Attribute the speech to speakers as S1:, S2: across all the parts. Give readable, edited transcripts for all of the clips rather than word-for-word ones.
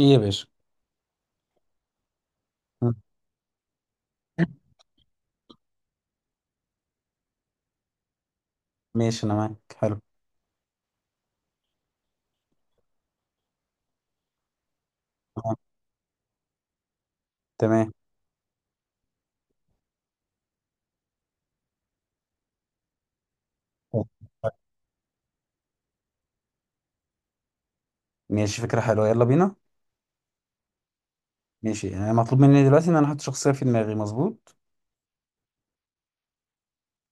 S1: ايه يا باشا؟ ها، ماشي انا معاك. حلو. تمام، تمام. طيب. ماشي، فكرة حلوة، يلا بينا. ماشي، انا مطلوب مني دلوقتي ان انا احط شخصية في دماغي. مظبوط.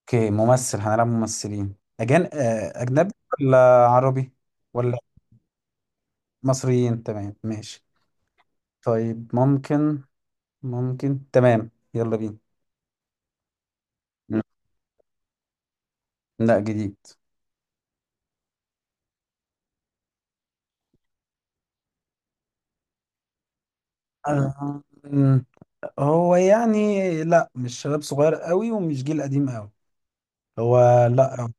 S1: اوكي، ممثل، هنلعب ممثلين. أجان... آه، اجنبي ولا عربي ولا مصريين؟ تمام، ماشي. طيب، ممكن، تمام، يلا بينا. مم. لا، جديد. آه، مم، هو يعني، لا مش شباب صغير قوي ومش جيل قديم قوي. هو، لا.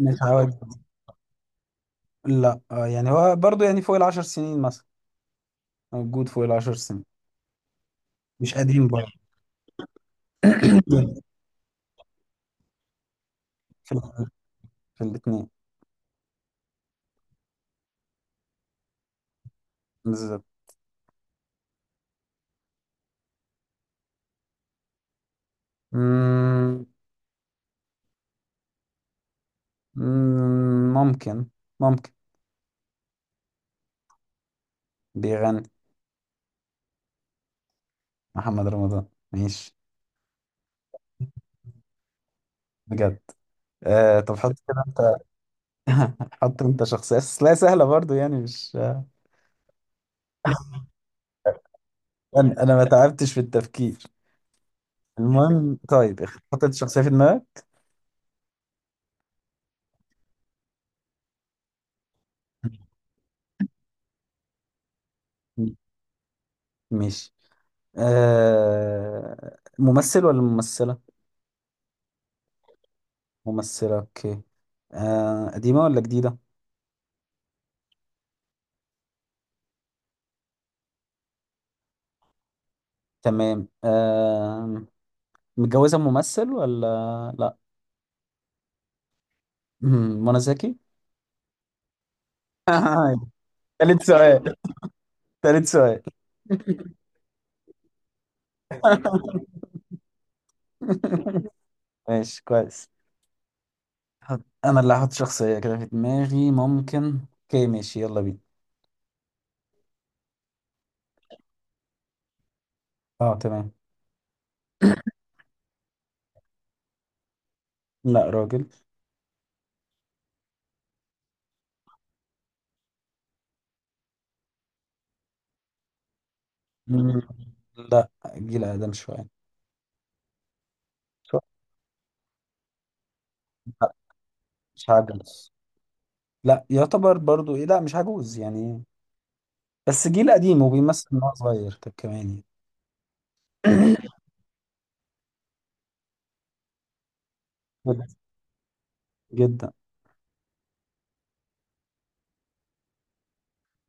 S1: مش عواجيز. لا، يعني هو برضه يعني فوق العشر سنين مثلا. موجود فوق العشر سنين. مش قديم برضه. في ال- في الاثنين. بالظبط. مم، ممكن. ممكن؟ بيغني. محمد رمضان. ماشي. بجد. طب حط كده انت. حط انت شخصية، بس لا سهلة برضه يعني مش. انا ما تعبتش في التفكير. المهم، طيب. حطيت شخصية في دماغك. ماشي. ممثل ولا ممثلة؟ ممثلة، اوكي. قديمة ولا جديدة؟ تمام. متجوزة ممثل، ولا لا؟ منى زكي؟ تالت سؤال، تالت سؤال. ماشي، كويس. انا اللي هحط شخصية كده في دماغي. ممكن، اوكي، ماشي، يلا بينا. اه، تمام. لا، راجل. مم، لا، جيل اقدم شوية. شوية. لا، مش عجوز. لا يعتبر برضو، ايه، لا مش عجوز يعني. بس جيل قديم وبيمثل ان هو صغير طب، كمان يعني. جدا.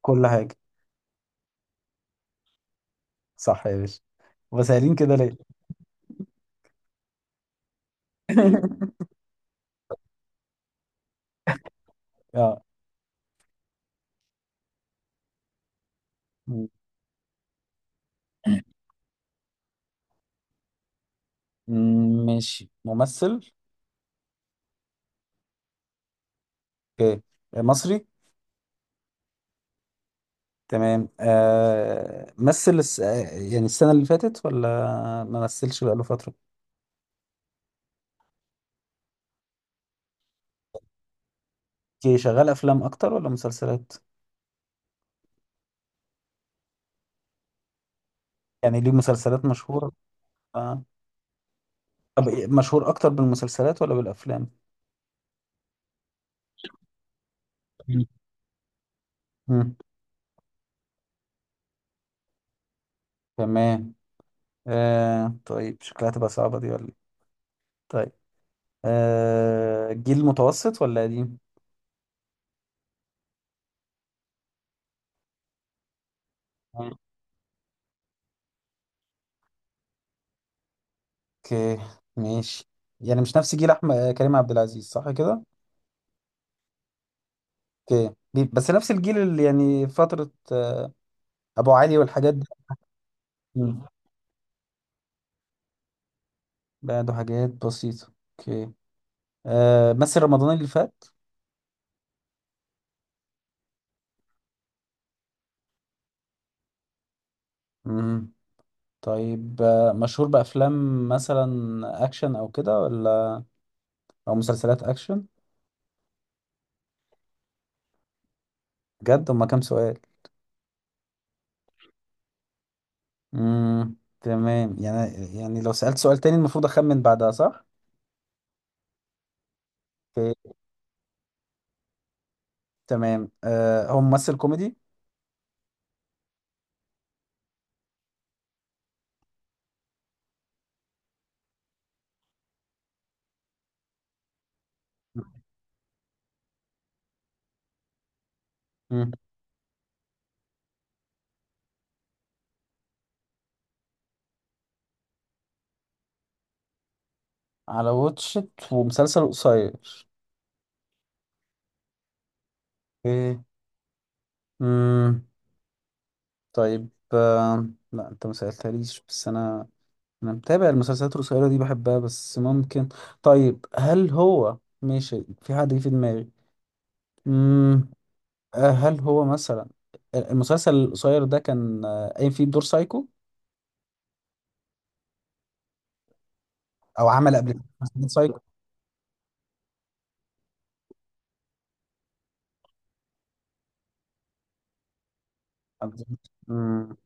S1: كل حاجة. صح يا باشا. وسائلين كده ليه؟ اه، م- ماشي. ممثل، اوكي. مصري. تمام. مثل الس... آه، يعني السنة اللي فاتت ولا ما مثلش بقاله فترة؟ اوكي، شغال أفلام أكتر ولا مسلسلات؟ يعني ليه مسلسلات مشهورة؟ آه. طب إيه، مشهور أكتر بالمسلسلات ولا بالأفلام؟ مم. مم. تمام. طيب شكلها تبقى صعبة دي ولا إيه؟ طيب، جيل متوسط ولا قديم؟ اوكي، ماشي. يعني مش نفس جيل احمد، كريم عبد العزيز، صح كده؟ اوكي، بس نفس الجيل اللي يعني فترة، ابو علي والحاجات دي. مم. بعده حاجات بسيطة. اوكي. مثل رمضان اللي فات. مم. طيب، مشهور بافلام مثلا اكشن او كده، ولا او مسلسلات اكشن؟ بجد؟ هما كام سؤال؟ مم. تمام يعني. يعني لو سألت سؤال تاني المفروض اخمن بعدها، صح؟ اوكي. تمام. هو ممثل كوميدي؟ مم. على واتشت ومسلسل قصير؟ مم. امم طيب، لا انت ما سألتهاليش بس انا متابع المسلسلات القصيرة دي، بحبها بس ممكن. طيب، هل هو ماشي؟ في حد جه في دماغي. امم هل هو مثلا المسلسل القصير ده كان قايم فيه بدور سايكو، او عمل قبل كده مسلسل سايكو؟ امم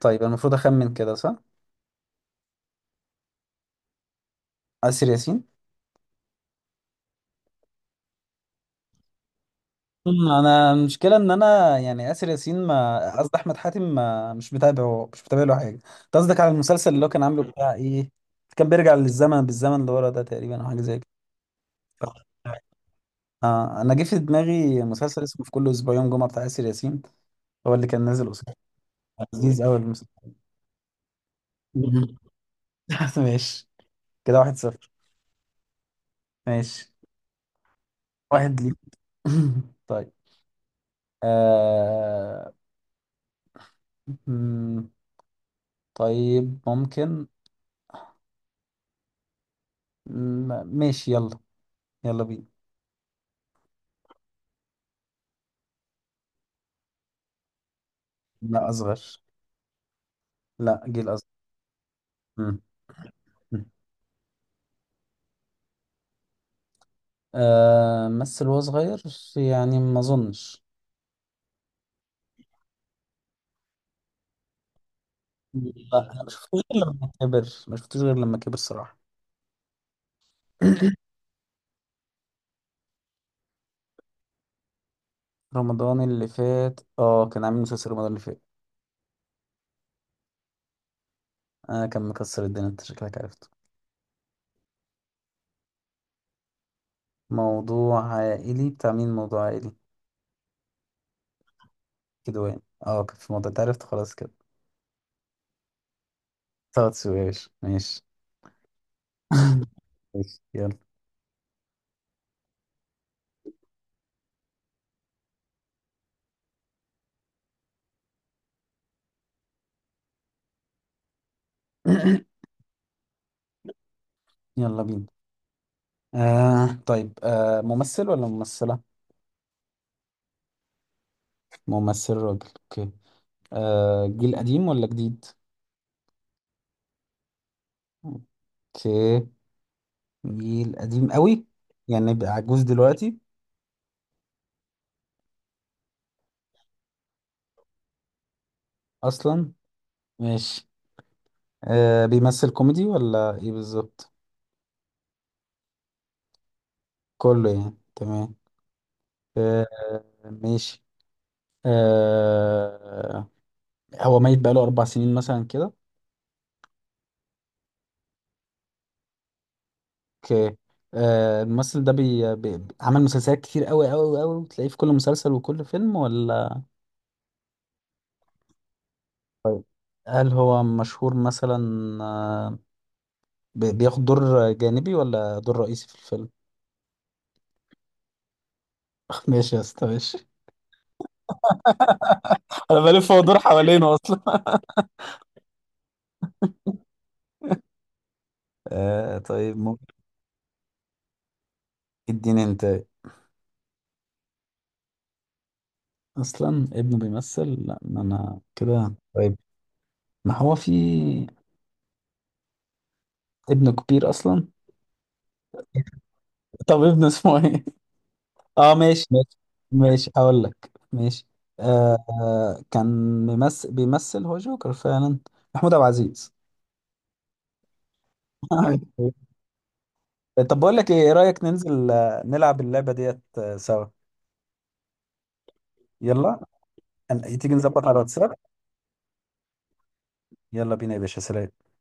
S1: طيب المفروض اخمن كده، صح؟ آسر ياسين. انا المشكله ان انا يعني اسر ياسين، ما قصدي احمد حاتم، ما مش متابعه، مش متابع له حاجه. انت قصدك على المسلسل اللي هو كان عامله بتاع ايه؟ كان بيرجع للزمن، بالزمن اللي ورا ده تقريبا، او حاجه زي كده. اه، انا جه في دماغي مسلسل اسمه في كل اسبوع يوم جمعه بتاع اسر ياسين. هو اللي كان نازل قصير. لذيذ قوي المسلسل. مم. ماشي. كده واحد صفر. ماشي. واحد ليك. طيب. آه... مم، طيب، ممكن. مم، ماشي، يلا، يلا بينا. لا، أصغر. لا، جيل أصغر. مم. مم. مثل وهو صغير يعني؟ ما أظنش. لا، أنا ما شفتوش غير لما كبر، ما شفتوش غير لما كبر صراحة. رمضان اللي فات، كان عامل مسلسل رمضان اللي فات. أنا، كان مكسر الدنيا. أنت شكلك عرفته. موضوع عائلي بتاع مين؟ موضوع عائلي؟ كده يعني، كان في موضوع، أنت عرفت خلاص كده. ثلاث سويش، ماشي. ماشي، يلا. يلا بينا. طيب، ممثل ولا ممثلة؟ ممثل، راجل، اوكي. جيل قديم ولا جديد؟ اوكي. جيل قديم قوي؟ يعني يبقى عجوز دلوقتي. اصلا. ماشي. بيمثل كوميدي ولا ايه بالظبط؟ كله يعني. تمام. آه، ماشي. آه هو ميت بقاله اربع سنين مثلا كده؟ اوكي. الممثل ده عمل مسلسلات كتير قوي قوي قوي وتلاقيه في كل مسلسل وكل فيلم، ولا؟ هل هو مشهور مثلا؟ آه بياخد دور جانبي ولا دور رئيسي في الفيلم؟ ماشي يا اسطى، ماشي. انا بلف وادور حوالينه اصلا. طيب، ممكن. تديني انت؟ اصلا ابنه بيمثل؟ لا، ما انا كده طيب. ما هو في. ابنه كبير اصلا. طب ابنه اسمه ايه؟ اه، ماشي، ماشي. ماشي، هقول لك، ماشي. كان بيمثل هو جوكر فعلا. محمود عبد العزيز. طب، بقول لك ايه، إيه رايك ننزل نلعب اللعبه ديت سوا؟ يلا. تيجي نظبط على الواتساب. يلا بينا. يا باشا، سلام.